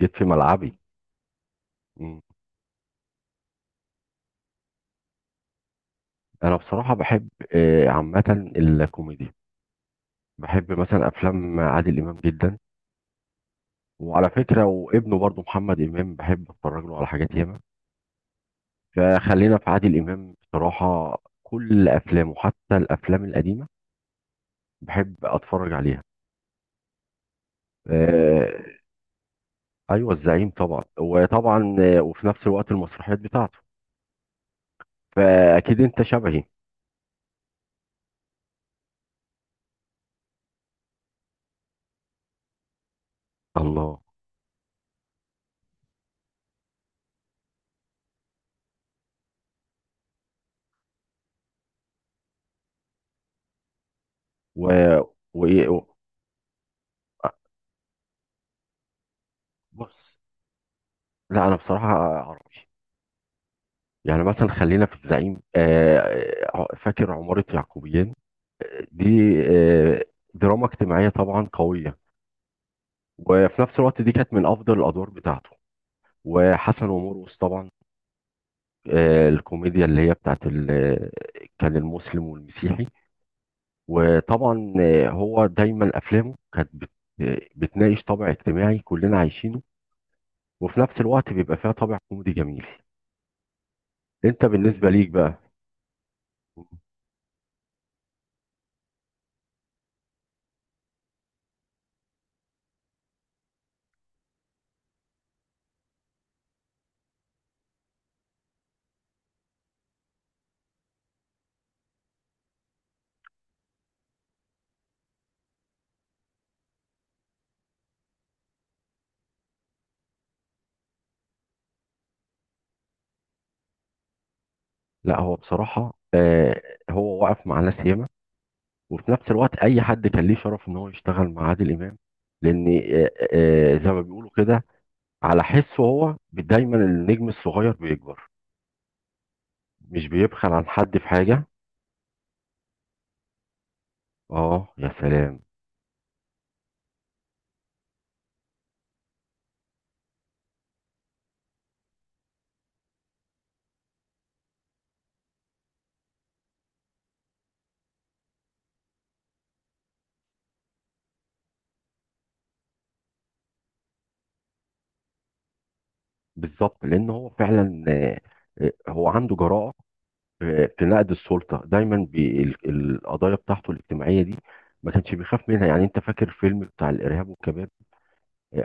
جيت في ملعبي. مم. انا بصراحه بحب، عامه الكوميدي. بحب مثلا افلام عادل امام جدا، وعلى فكره وابنه برضو محمد امام بحب اتفرج له على حاجات ياما. فخلينا في عادل امام، بصراحه كل افلامه حتى الافلام القديمه بحب اتفرج عليها. آه، ايوه الزعيم طبعا، وطبعا وفي نفس الوقت المسرحيات بتاعته، فاكيد انت شبهي. الله. و... و... و... بص، لا انا بصراحه عربي، يعني مثلا خلينا في الزعيم. فاكر عمارة يعقوبيان دي؟ آه، دراما اجتماعية طبعا قوية، وفي نفس الوقت دي كانت من أفضل الأدوار بتاعته. وحسن ومرقص طبعا، الكوميديا اللي هي بتاعت كان المسلم والمسيحي. وطبعا، هو دايما أفلامه كانت بتناقش طابع اجتماعي كلنا عايشينه، وفي نفس الوقت بيبقى فيها طابع كوميدي جميل. انت بالنسبة ليك بقى. لا هو بصراحة هو واقف مع ناس ياما، وفي نفس الوقت اي حد كان ليه شرف ان هو يشتغل مع عادل امام. لان زي ما بيقولوا كده، على حسه هو دايما النجم الصغير بيكبر، مش بيبخل عن حد في حاجه. اه يا سلام. بالظبط، لان هو فعلا هو عنده جراءه في نقد السلطه دايما القضايا بتاعته الاجتماعيه دي ما كانش بيخاف منها. يعني انت فاكر فيلم بتاع الارهاب والكباب؟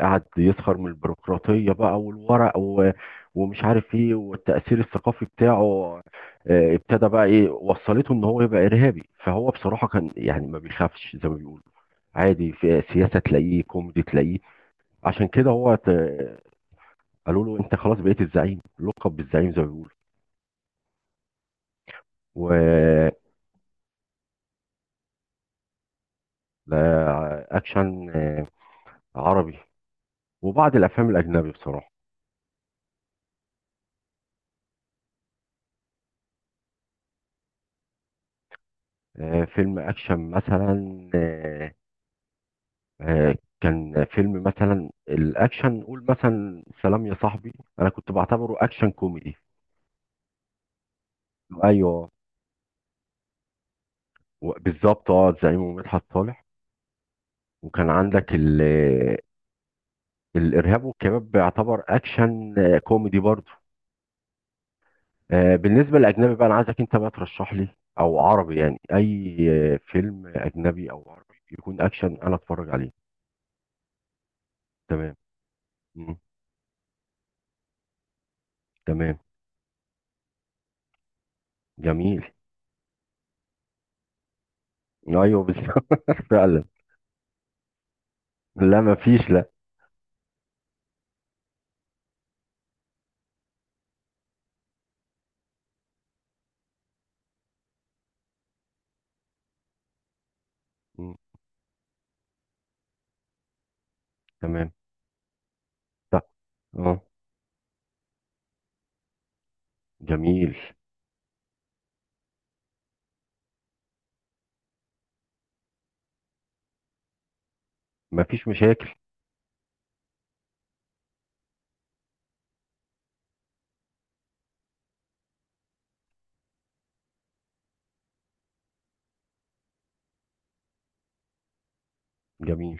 قعد يسخر من البيروقراطية بقى والورق ومش عارف ايه، والتأثير الثقافي بتاعه ابتدى بقى ايه وصلته ان هو يبقى إرهابي. فهو بصراحة كان يعني ما بيخافش، زي ما بيقولوا عادي، في سياسة تلاقيه كوميدي تلاقيه. عشان كده هو قالوا له انت خلاص بقيت الزعيم، لقب بالزعيم زي ما بيقولوا. و لا، اكشن عربي، وبعض الافلام الاجنبي بصراحة. فيلم اكشن مثلا، آه، كان فيلم مثلا الاكشن نقول مثلا سلام يا صاحبي، انا كنت بعتبره اكشن كوميدي. ايوه، بالظبط، اه زعيم ومدحت صالح. وكان عندك الارهاب والكباب بيعتبر اكشن كوميدي برضه. بالنسبه للاجنبي بقى انا عايزك انت بقى ترشح لي، او عربي يعني، اي فيلم اجنبي او عربي يكون اكشن انا اتفرج عليه. تمام. مم. تمام. جميل. ايوه بالظبط فعلا. لا ما فيش لا. مم. تمام. طب اه جميل. مفيش مشاكل. جميل.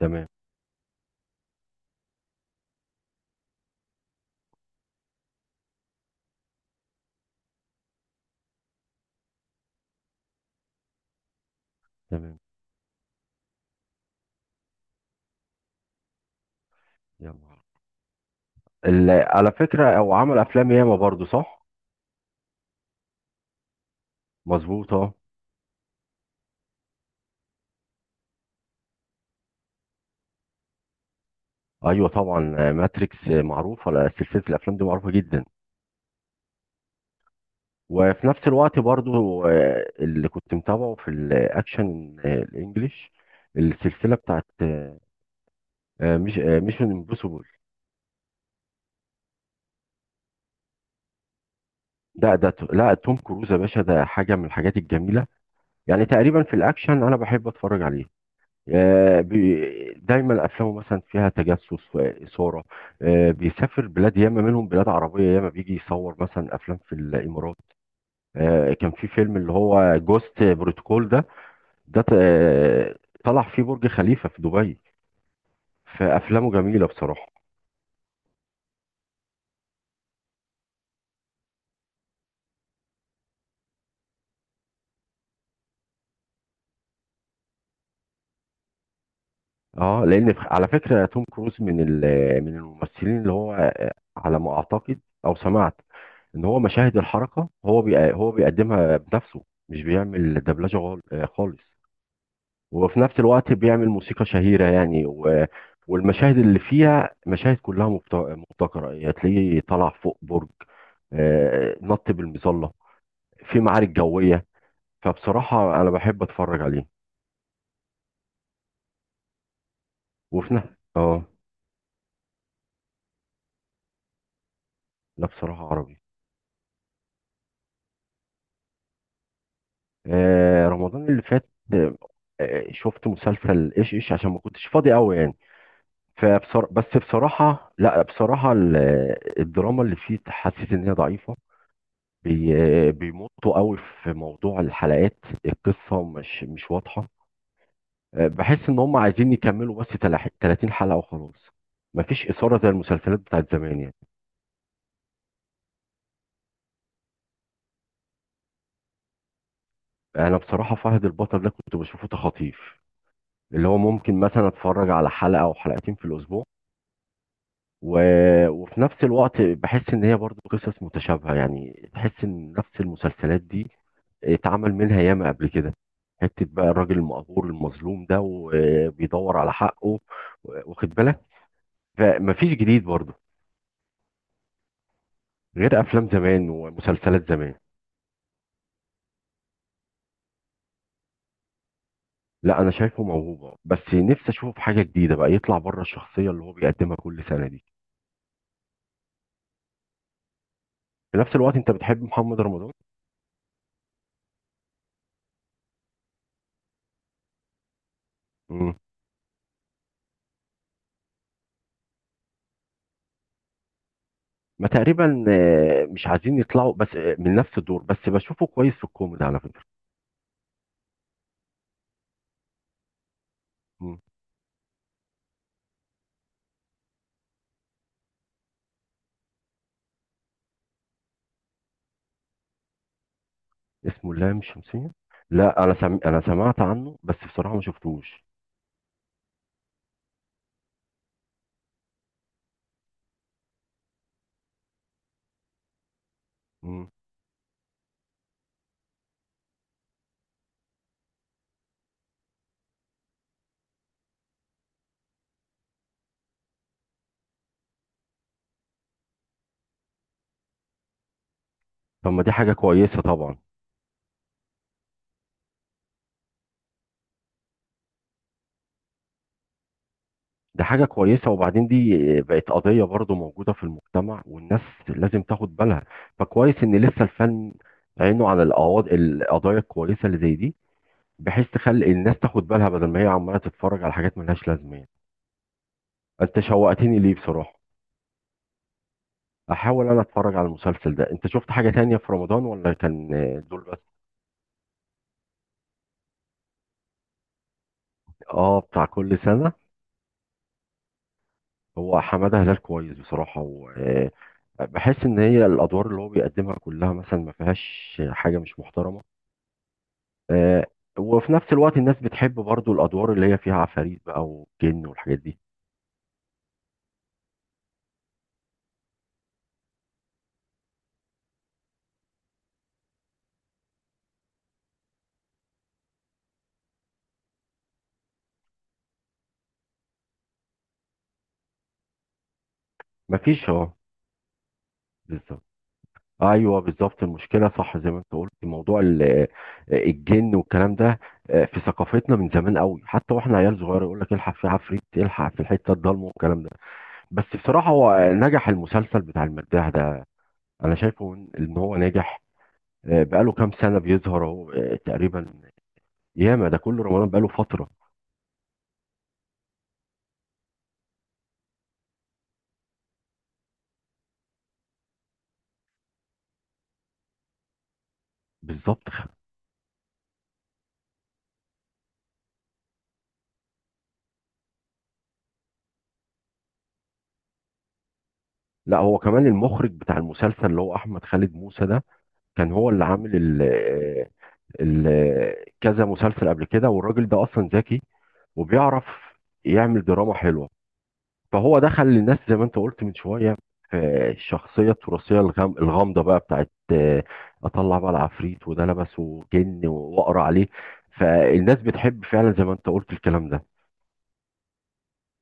تمام. تمام. يلا. على فكرة هو عمل أفلام ياما برضو صح؟ مظبوطة. أيوة طبعا، ماتريكس معروفة، لا، سلسلة الأفلام دي معروفة جدا. وفي نفس الوقت برضو اللي كنت متابعه في الأكشن الإنجليش، السلسلة بتاعت مش ميشن امبوسيبل. ده لا توم كروز يا باشا، ده حاجة من الحاجات الجميلة. يعني تقريبا في الأكشن أنا بحب أتفرج عليه. دايما افلامه مثلا فيها تجسس واثاره. بيسافر بلاد ياما، منهم بلاد عربيه، ياما بيجي يصور مثلا افلام في الامارات. كان في فيلم اللي هو جوست بروتوكول ده. ده ت- آه، طلع فيه برج خليفه في دبي. فافلامه جميله بصراحه. اه لان على فكره توم كروز من من الممثلين اللي هو على ما اعتقد او سمعت ان هو مشاهد الحركه هو هو بيقدمها بنفسه، مش بيعمل دبلجه خالص. وفي نفس الوقت بيعمل موسيقى شهيرة يعني والمشاهد اللي فيها مشاهد كلها مبتكرة. يعني تلاقيه طلع فوق برج، نط بالمظلة، في معارك جوية. فبصراحة أنا بحب أتفرج عليه. وفي نفس. اه، لا بصراحة عربي. رمضان اللي فات شفت مسلسل ايش ايش، عشان ما كنتش فاضي قوي يعني. بس بصراحة، لا بصراحة الدراما اللي فيه حسيت ان هي ضعيفة، بي بيمطوا قوي في موضوع الحلقات. القصة مش واضحة. بحس ان هم عايزين يكملوا بس 30 حلقة وخلاص. مفيش إثارة زي المسلسلات بتاعت زمان يعني. انا بصراحة فهد البطل ده كنت بشوفه تخاطيف، اللي هو ممكن مثلا اتفرج على حلقة او حلقتين في الاسبوع. و... وفي نفس الوقت بحس ان هي برضو قصص متشابهه، يعني تحس ان نفس المسلسلات دي اتعمل منها ياما قبل كده. حته بقى الراجل المقهور المظلوم ده وبيدور على حقه، واخد بالك. فمفيش جديد برضو، غير افلام زمان ومسلسلات زمان. لا انا شايفه موهوبه، بس نفسي اشوفه في حاجه جديده بقى، يطلع بره الشخصيه اللي هو بيقدمها كل سنه دي. في نفس الوقت انت بتحب محمد رمضان. ما تقريبا مش عايزين يطلعوا بس من نفس الدور، بس بشوفه كويس في الكوميدي على فكرة. مم. اسمه اللام الشمسية. لا انا انا سمعت عنه، بس بصراحة ما شفتوش. مم. طب ما دي حاجة كويسة طبعا. دي حاجة كويسة، وبعدين دي بقت قضية برضو موجودة في المجتمع، والناس لازم تاخد بالها. فكويس ان لسه الفن عينه على القضايا الكويسة اللي زي دي، بحيث تخلي الناس تاخد بالها، بدل ما هي عمالة تتفرج على حاجات ملهاش لازمة يعني. انت شوقتني ليه بصراحة. احاول انا اتفرج على المسلسل ده. انت شفت حاجة تانية في رمضان، ولا كان دول بس؟ اه بتاع كل سنة. هو حمادة هلال كويس بصراحة، وبحس ان هي الادوار اللي هو بيقدمها كلها مثلا ما فيهاش حاجة مش محترمة. آه، وفي نفس الوقت الناس بتحب برضو الادوار اللي هي فيها عفاريت بقى وجن والحاجات دي. مفيش اه. بالظبط. ايوه بالظبط المشكله، صح زي ما انت قلت، موضوع الجن والكلام ده في ثقافتنا من زمان قوي، حتى واحنا عيال صغيره يقول لك الحق في عفريت، الحق في الحته الضلمه والكلام ده. بس بصراحه هو نجح المسلسل بتاع المداح ده. انا شايفه ان إن هو ناجح، بقاله كام سنه بيظهر اهو، تقريبا ياما ده كل رمضان بقاله فتره. بالظبط. لا هو كمان المخرج بتاع المسلسل اللي هو احمد خالد موسى ده كان هو اللي عامل ال آه، ال آه، كذا مسلسل قبل كده، والراجل ده اصلا ذكي وبيعرف يعمل دراما حلوة. فهو دخل للناس زي ما انت قلت من شوية في الشخصية التراثية الغامضة بقى بتاعت أطلع بقى العفريت، وده لبسه جن وأقرأ عليه. فالناس بتحب فعلا زي ما انت قلت الكلام ده.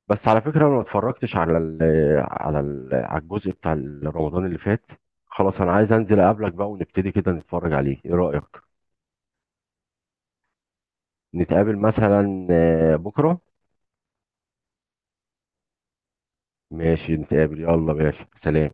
بس على فكرة أنا ما اتفرجتش على ال على ال على الجزء بتاع رمضان اللي فات. خلاص أنا عايز أنزل أقابلك بقى، ونبتدي كده نتفرج عليه، إيه رأيك؟ نتقابل مثلا بكرة. ماشي نتقابل، يلا ماشي سلام.